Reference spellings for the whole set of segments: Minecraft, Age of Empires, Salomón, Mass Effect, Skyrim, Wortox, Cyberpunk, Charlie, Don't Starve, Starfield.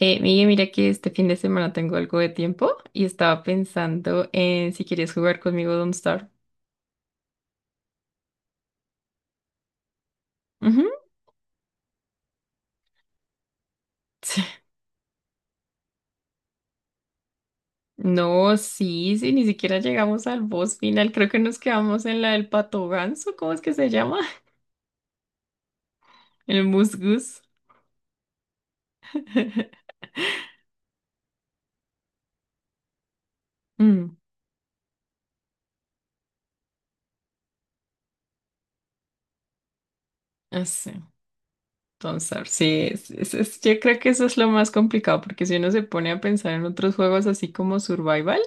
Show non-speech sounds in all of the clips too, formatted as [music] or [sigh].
Miguel, mira que este fin de semana tengo algo de tiempo y estaba pensando en si quieres jugar conmigo Don't Starve. Ujú. Sí. No, sí, sí, ni siquiera llegamos al boss final. Creo que nos quedamos en la del pato ganso, ¿cómo es que se llama? [laughs] El musgus. [laughs] Mm, así Don't Starve, sí, yo creo que eso es lo más complicado porque si uno se pone a pensar en otros juegos así como Survival.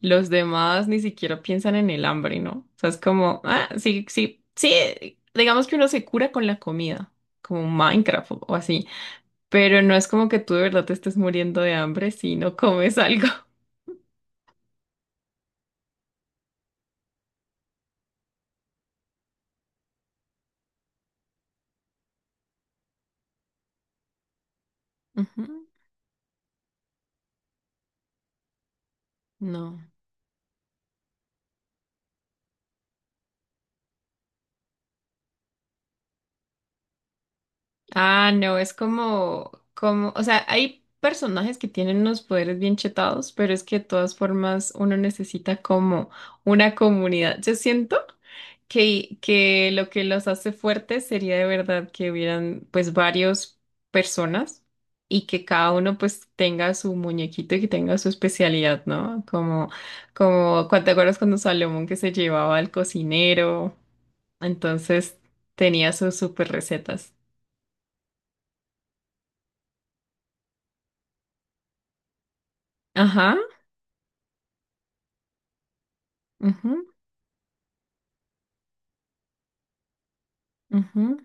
Los demás ni siquiera piensan en el hambre, ¿no? O sea, es como, ah, sí, sí, sí, digamos que uno se cura con la comida, como Minecraft o así, pero no es como que tú de verdad te estés muriendo de hambre si no comes [laughs] algo. Ujú. No. Ah, no, es como, o sea, hay personajes que tienen unos poderes bien chetados, pero es que de todas formas uno necesita como una comunidad. Yo siento que lo que los hace fuertes sería de verdad que hubieran pues varios personas y que cada uno pues tenga su muñequito y que tenga su especialidad, ¿no? Como, ¿te acuerdas cuando Salomón que se llevaba al cocinero? Entonces tenía sus super recetas. Ajá. Ujú, ujú.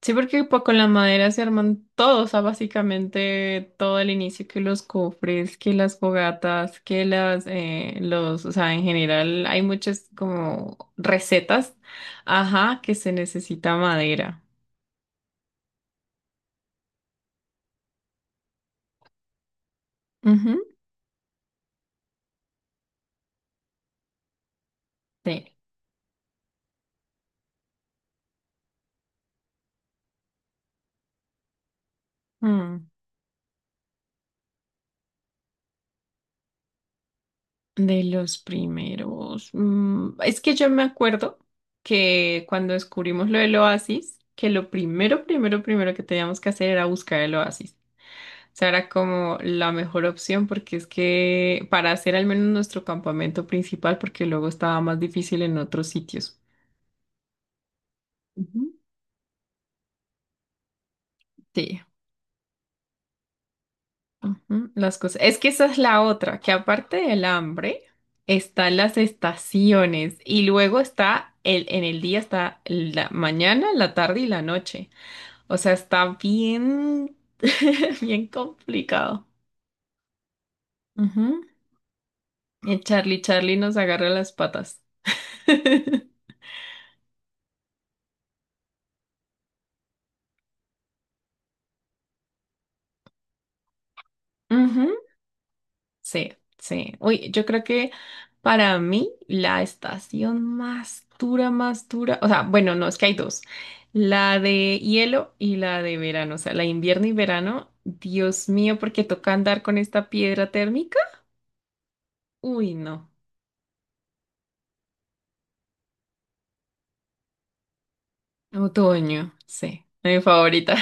Sí, porque pues, con la madera se arman todo, o sea, básicamente todo el inicio, que los cofres, que las fogatas, los, o sea, en general hay muchas como recetas, ajá, que se necesita madera. Ujú, sí. Mm, De los primeros. Es que yo me acuerdo que cuando descubrimos lo del oasis, que lo primero, primero, primero que teníamos que hacer era buscar el oasis. Sea, era como la mejor opción porque es que para hacer al menos nuestro campamento principal, porque luego estaba más difícil en otros sitios. Ujú. Sí, ujú, las cosas. Es que esa es la otra, que aparte del hambre, están las estaciones y luego en el día está la mañana, la tarde y la noche. O sea, está bien, [laughs] bien complicado. Ujú. El Charlie nos agarra las patas. [laughs] Ujú. Sí, sí. Uy, yo creo que para mí la estación más dura, o sea, bueno, no, es que hay dos, la de hielo y la de verano, o sea, la invierno y verano, Dios mío, porque toca andar con esta piedra térmica. Uy, no. Otoño, sí, mi favorita.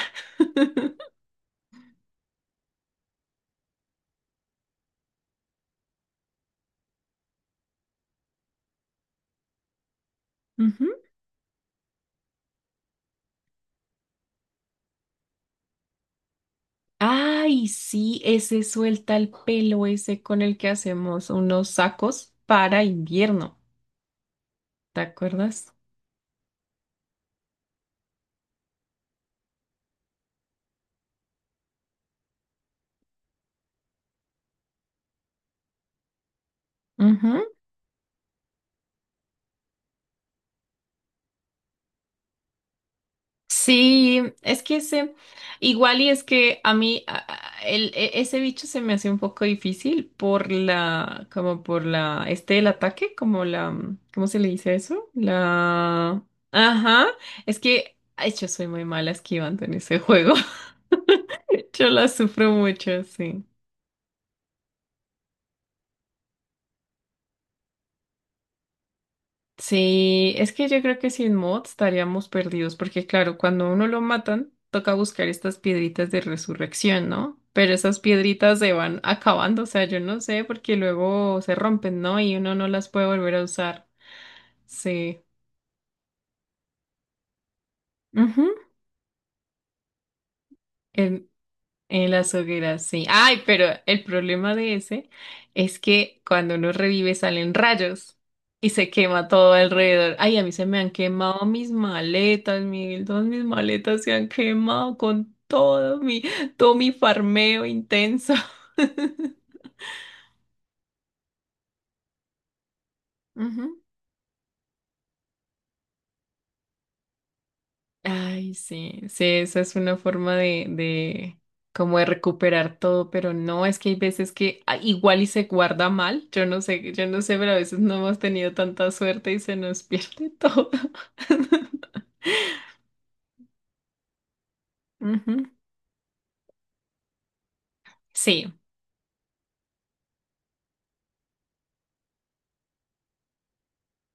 [laughs] Ujú. Ay, sí, ese suelta el pelo, ese con el que hacemos unos sacos para invierno, ¿te acuerdas? Sí, es que ese, igual y es que a mí ese bicho se me hace un poco difícil por la, como este, el ataque, como la, ¿cómo se le dice eso? La, ajá, es que, ay, yo soy muy mala esquivando en ese juego, [laughs] yo la sufro mucho, sí. Sí, es que yo creo que sin mods estaríamos perdidos, porque claro, cuando a uno lo matan, toca buscar estas piedritas de resurrección, ¿no? Pero esas piedritas se van acabando, o sea, yo no sé, porque luego se rompen, ¿no? Y uno no las puede volver a usar. Sí. Ujú. En las hogueras, sí. Ay, pero el problema de ese es que cuando uno revive salen rayos y se quema todo alrededor. Ay, a mí se me han quemado mis maletas, Miguel. Todas mis maletas se han quemado con todo mi farmeo intenso. [laughs] Ujú. Ay, sí, sí, esa es una forma de como de recuperar todo, pero no, es que hay veces que igual y se guarda mal, yo no sé, pero a veces no hemos tenido tanta suerte y se nos pierde todo. [laughs] Ujú. Sí,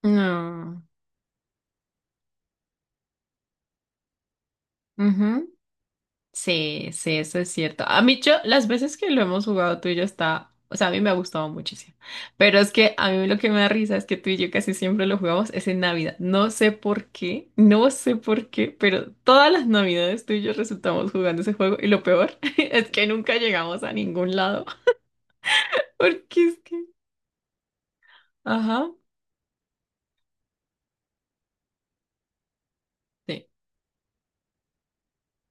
no. Ujú. Sí, sí, eso es cierto. A mí, yo, las veces que lo hemos jugado tú y yo está, o sea, a mí me ha gustado muchísimo. Pero es que a mí lo que me da risa es que tú y yo casi siempre lo jugamos es en Navidad. No sé por qué, no sé por qué, pero todas las Navidades tú y yo resultamos jugando ese juego y lo peor [laughs] es que nunca llegamos a ningún lado. [laughs] Porque es que, ajá. Sí.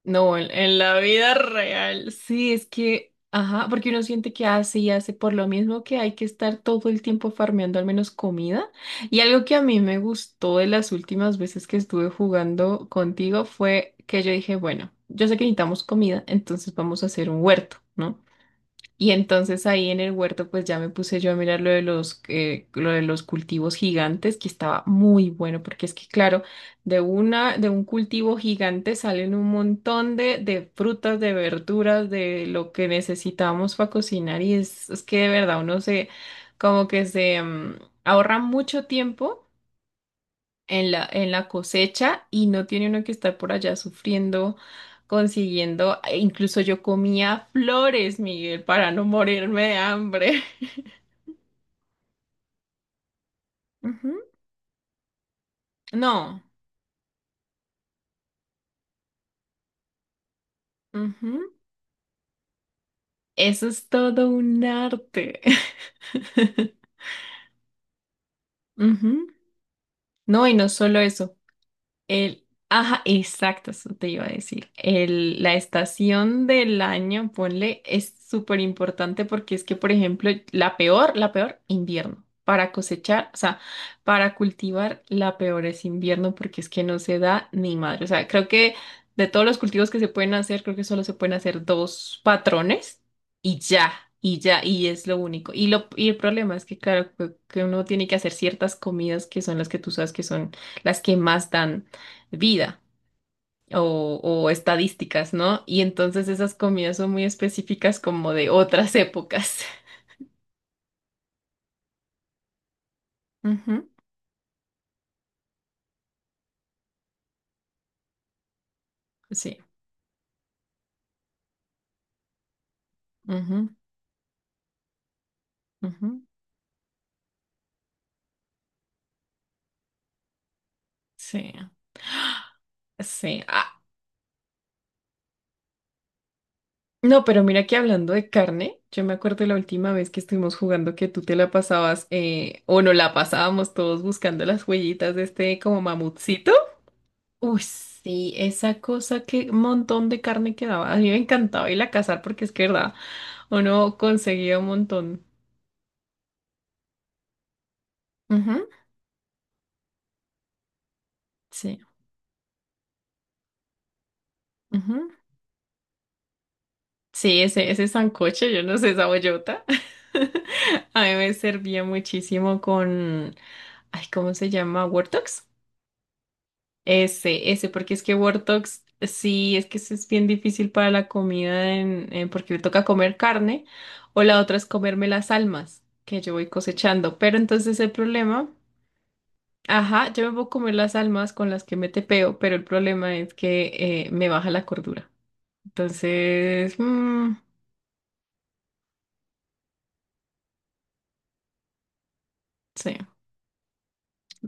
No, en la vida real, sí, es que, ajá, porque uno siente que hace y hace por lo mismo que hay que estar todo el tiempo farmeando al menos comida. Y algo que a mí me gustó de las últimas veces que estuve jugando contigo fue que yo dije, bueno, yo sé que necesitamos comida, entonces vamos a hacer un huerto, ¿no? Y entonces ahí en el huerto pues ya me puse yo a mirar lo de los cultivos gigantes, que estaba muy bueno, porque es que claro, de un cultivo gigante salen un montón de frutas, de verduras, de lo que necesitamos para cocinar y es que de verdad como que se ahorra mucho tiempo en la cosecha y no tiene uno que estar por allá sufriendo, consiguiendo. E incluso yo comía flores, Miguel, para no morirme de hambre. [laughs] Ujú. No, ujú. Eso es todo un arte. [laughs] Ujú. No, y no solo eso. Ajá, exacto, eso te iba a decir. La estación del año, ponle, es súper importante porque es que, por ejemplo, la peor, invierno. Para cosechar, o sea, para cultivar, la peor es invierno porque es que no se da ni madre. O sea, creo que de todos los cultivos que se pueden hacer, creo que solo se pueden hacer dos patrones y ya. Y ya, y es lo único. Y el problema es que, claro, que uno tiene que hacer ciertas comidas que son las que tú sabes que son las que más dan vida o estadísticas, ¿no? Y entonces esas comidas son muy específicas como de otras [laughs] épocas. Ujú. Sí, ujú, ujú, sí, sí. Ah, no, pero mira que hablando de carne, yo me acuerdo la última vez que estuvimos jugando que tú te la pasabas o no la pasábamos todos buscando las huellitas de este como mamutcito. Uy, sí, esa cosa que montón de carne quedaba. A mí me encantaba ir a cazar porque es que, verdad, uno conseguía un montón. Sí. Ujú. Sí, ese sancocho, yo no sé, esa bollota. [laughs] A mí me servía muchísimo con, ay, ¿cómo se llama? ¿Wortox? Ese, porque es que Wortox, sí, es que eso es bien difícil para la comida porque le toca comer carne, o la otra es comerme las almas que yo voy cosechando. Pero entonces el problema, ajá, yo me puedo comer las almas con las que me tepeo, pero el problema es que me baja la cordura. Entonces, mm, sí.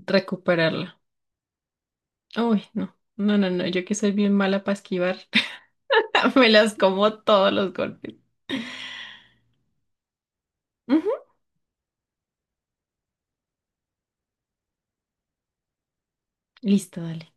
Recuperarla. Uy, no, no, no, no, yo que soy bien mala para esquivar, [laughs] me las como todos los golpes. Ujú. Listo, dale.